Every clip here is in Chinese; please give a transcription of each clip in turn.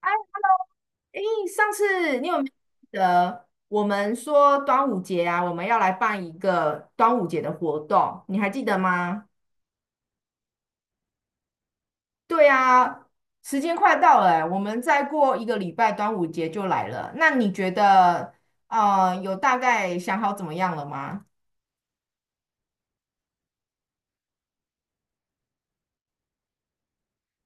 哎，诶，上次你有没有记得我们说端午节啊，我们要来办一个端午节的活动，你还记得吗？对啊，时间快到了欸，我们再过一个礼拜端午节就来了。那你觉得，有大概想好怎么样了吗？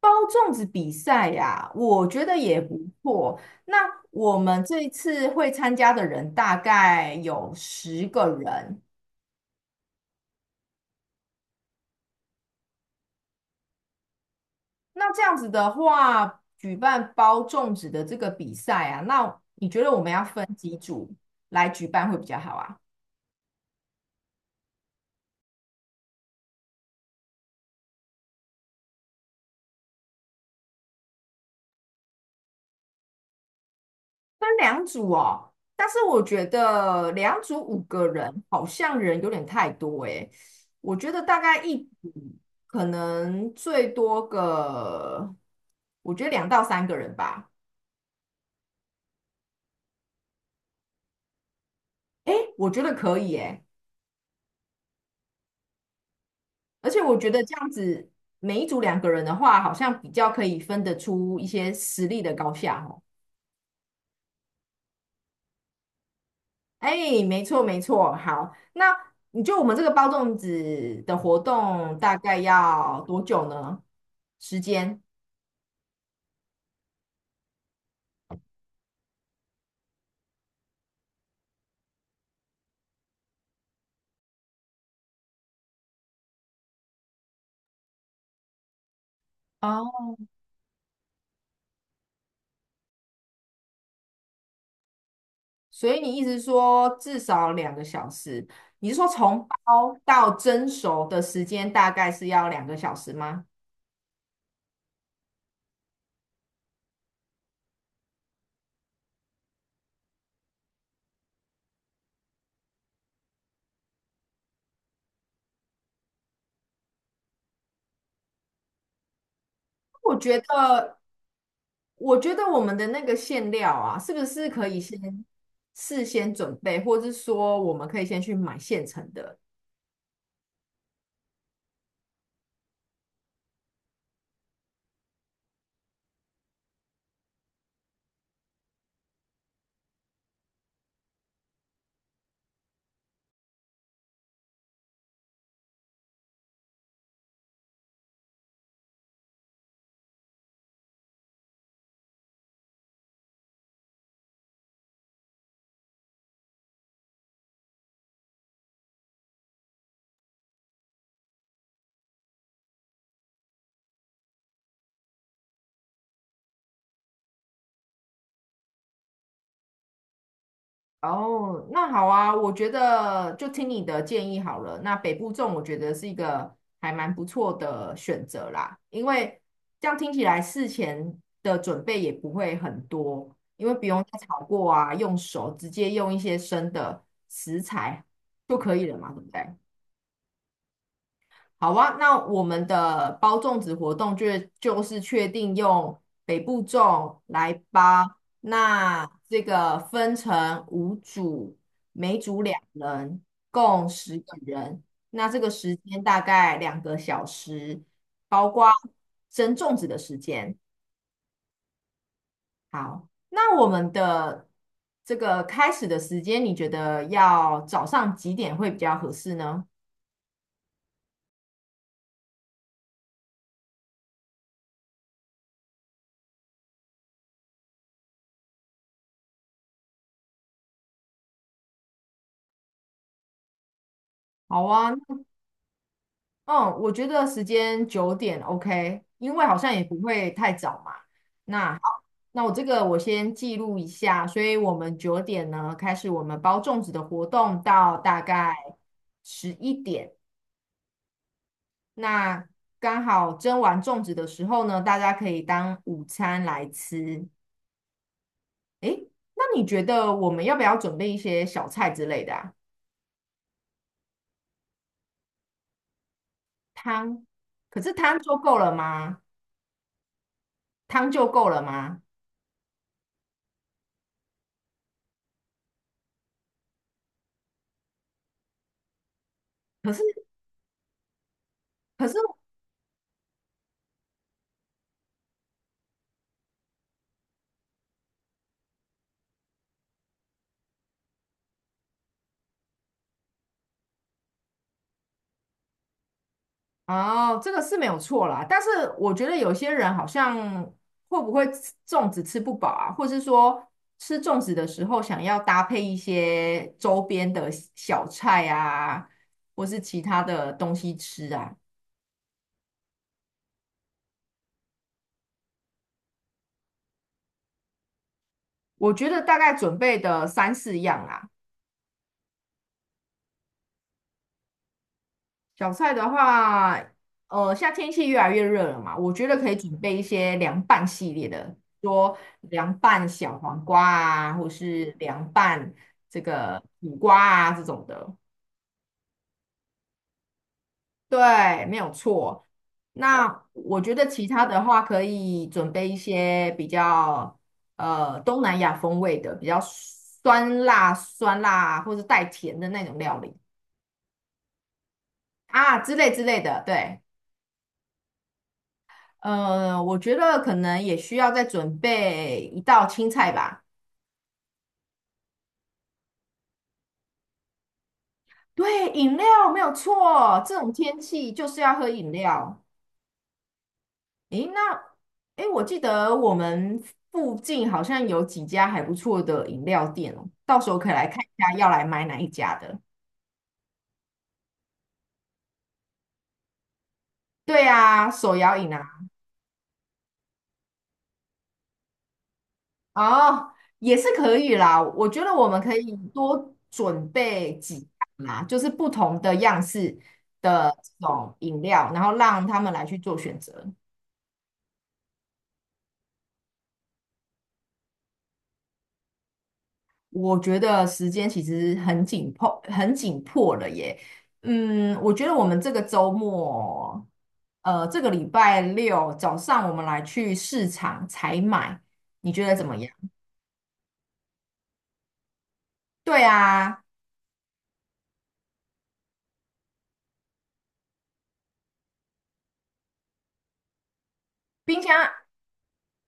包粽子比赛呀，我觉得也不错。那我们这一次会参加的人大概有十个人。那这样子的话，举办包粽子的这个比赛啊，那你觉得我们要分几组来举办会比较好啊？分两组哦，但是我觉得2组5个人好像人有点太多诶，我觉得大概一组可能最多个，我觉得2到3个人吧。诶，我觉得可以诶，而且我觉得这样子每一组2个人的话，好像比较可以分得出一些实力的高下哦。哎，没错没错，好，那你就我们这个包粽子的活动大概要多久呢？时间？哦，所以你意思说至少两个小时？你是说从包到蒸熟的时间大概是要两个小时吗？我觉得，我觉得我们的那个馅料啊，是不是可以先事先准备，或是说我们可以先去买现成的？哦，那好啊，我觉得就听你的建议好了。那北部粽我觉得是一个还蛮不错的选择啦，因为这样听起来事前的准备也不会很多，因为不用再炒过啊，用手直接用一些生的食材就可以了嘛，对不对？好啊，那我们的包粽子活动就是确定用北部粽来包，那这个分成5组，每组2人，共10个人。那这个时间大概两个小时，包括蒸粽子的时间。好，那我们的这个开始的时间，你觉得要早上几点会比较合适呢？好啊，嗯，我觉得时间九点 OK，因为好像也不会太早嘛。那那我这个我先记录一下，所以我们九点呢开始我们包粽子的活动到大概11点。那刚好蒸完粽子的时候呢，大家可以当午餐来吃。诶，那你觉得我们要不要准备一些小菜之类的啊？汤，可是汤就够了吗？汤就够了吗？可是可是。哦，这个是没有错啦，但是我觉得有些人好像会不会吃粽子吃不饱啊，或是说吃粽子的时候想要搭配一些周边的小菜啊，或是其他的东西吃啊，我觉得大概准备的3、4样啊，小菜的话，现在天气越来越热了嘛，我觉得可以准备一些凉拌系列的，说凉拌小黄瓜啊，或是凉拌这个苦瓜啊这种的。对，没有错。那我觉得其他的话，可以准备一些比较东南亚风味的，比较酸辣、酸辣或是带甜的那种料理啊之类之类的。对，我觉得可能也需要再准备一道青菜吧。对，饮料没有错，这种天气就是要喝饮料。诶，那诶，我记得我们附近好像有几家还不错的饮料店哦，到时候可以来看一下要来买哪一家的。对啊，手摇饮啊。哦，也是可以啦。我觉得我们可以多准备几样啦，就是不同的样式的这种饮料，然后让他们来去做选择。我觉得时间其实很紧迫，很紧迫了耶。嗯，我觉得我们这个周末，这个礼拜六早上我们来去市场采买，你觉得怎么样？对啊，冰箱。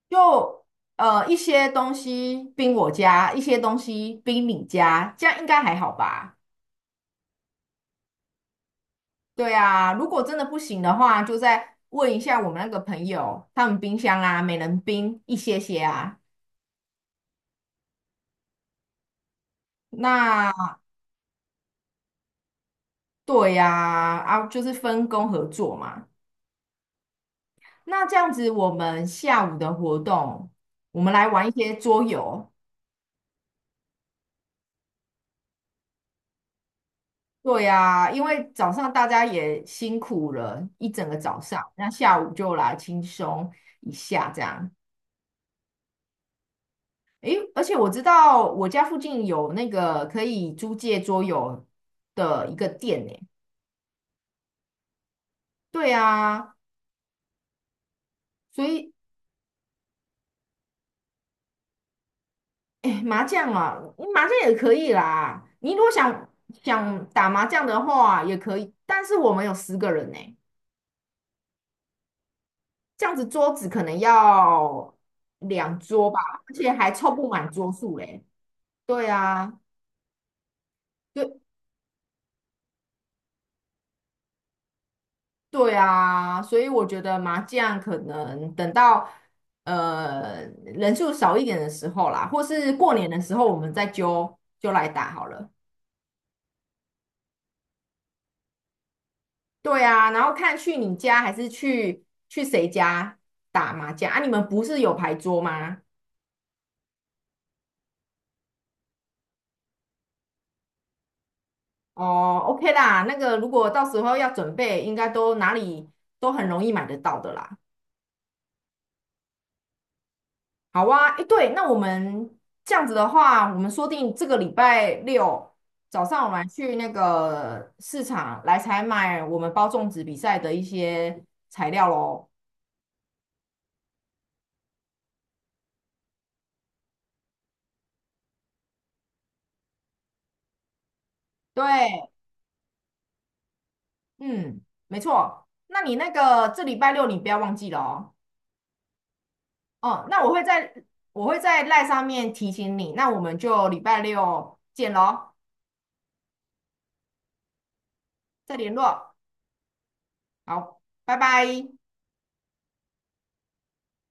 就一些东西冰我家，一些东西冰你家，这样应该还好吧？对啊，如果真的不行的话，就再问一下我们那个朋友，他们冰箱啊，每人冰一些些啊。那对呀，啊，就是分工合作嘛。那这样子，我们下午的活动，我们来玩一些桌游。对呀，因为早上大家也辛苦了一整个早上，那下午就来轻松一下这样。诶，而且我知道我家附近有那个可以租借桌游的一个店呢。对啊，所以诶，麻将啊，嗯麻将也可以啦。你如果想打麻将的话也可以，但是我们有十个人呢，这样子桌子可能要2桌吧，而且还凑不满桌数嘞。对啊，对。对啊，所以我觉得麻将可能等到人数少一点的时候啦，或是过年的时候，我们再揪揪来打好了。对啊，然后看去你家还是去谁家打麻将啊？你们不是有牌桌吗？哦，OK 啦，那个如果到时候要准备，应该都哪里都很容易买得到的啦。好啊，诶，对，那我们这样子的话，我们说定这个礼拜六早上，我们来去那个市场来采买我们包粽子比赛的一些材料喽。对，嗯，没错。那你那个这礼拜六你不要忘记了哦。哦，那我会在赖上面提醒你，那我们就礼拜六见喽，再联络。好，拜拜。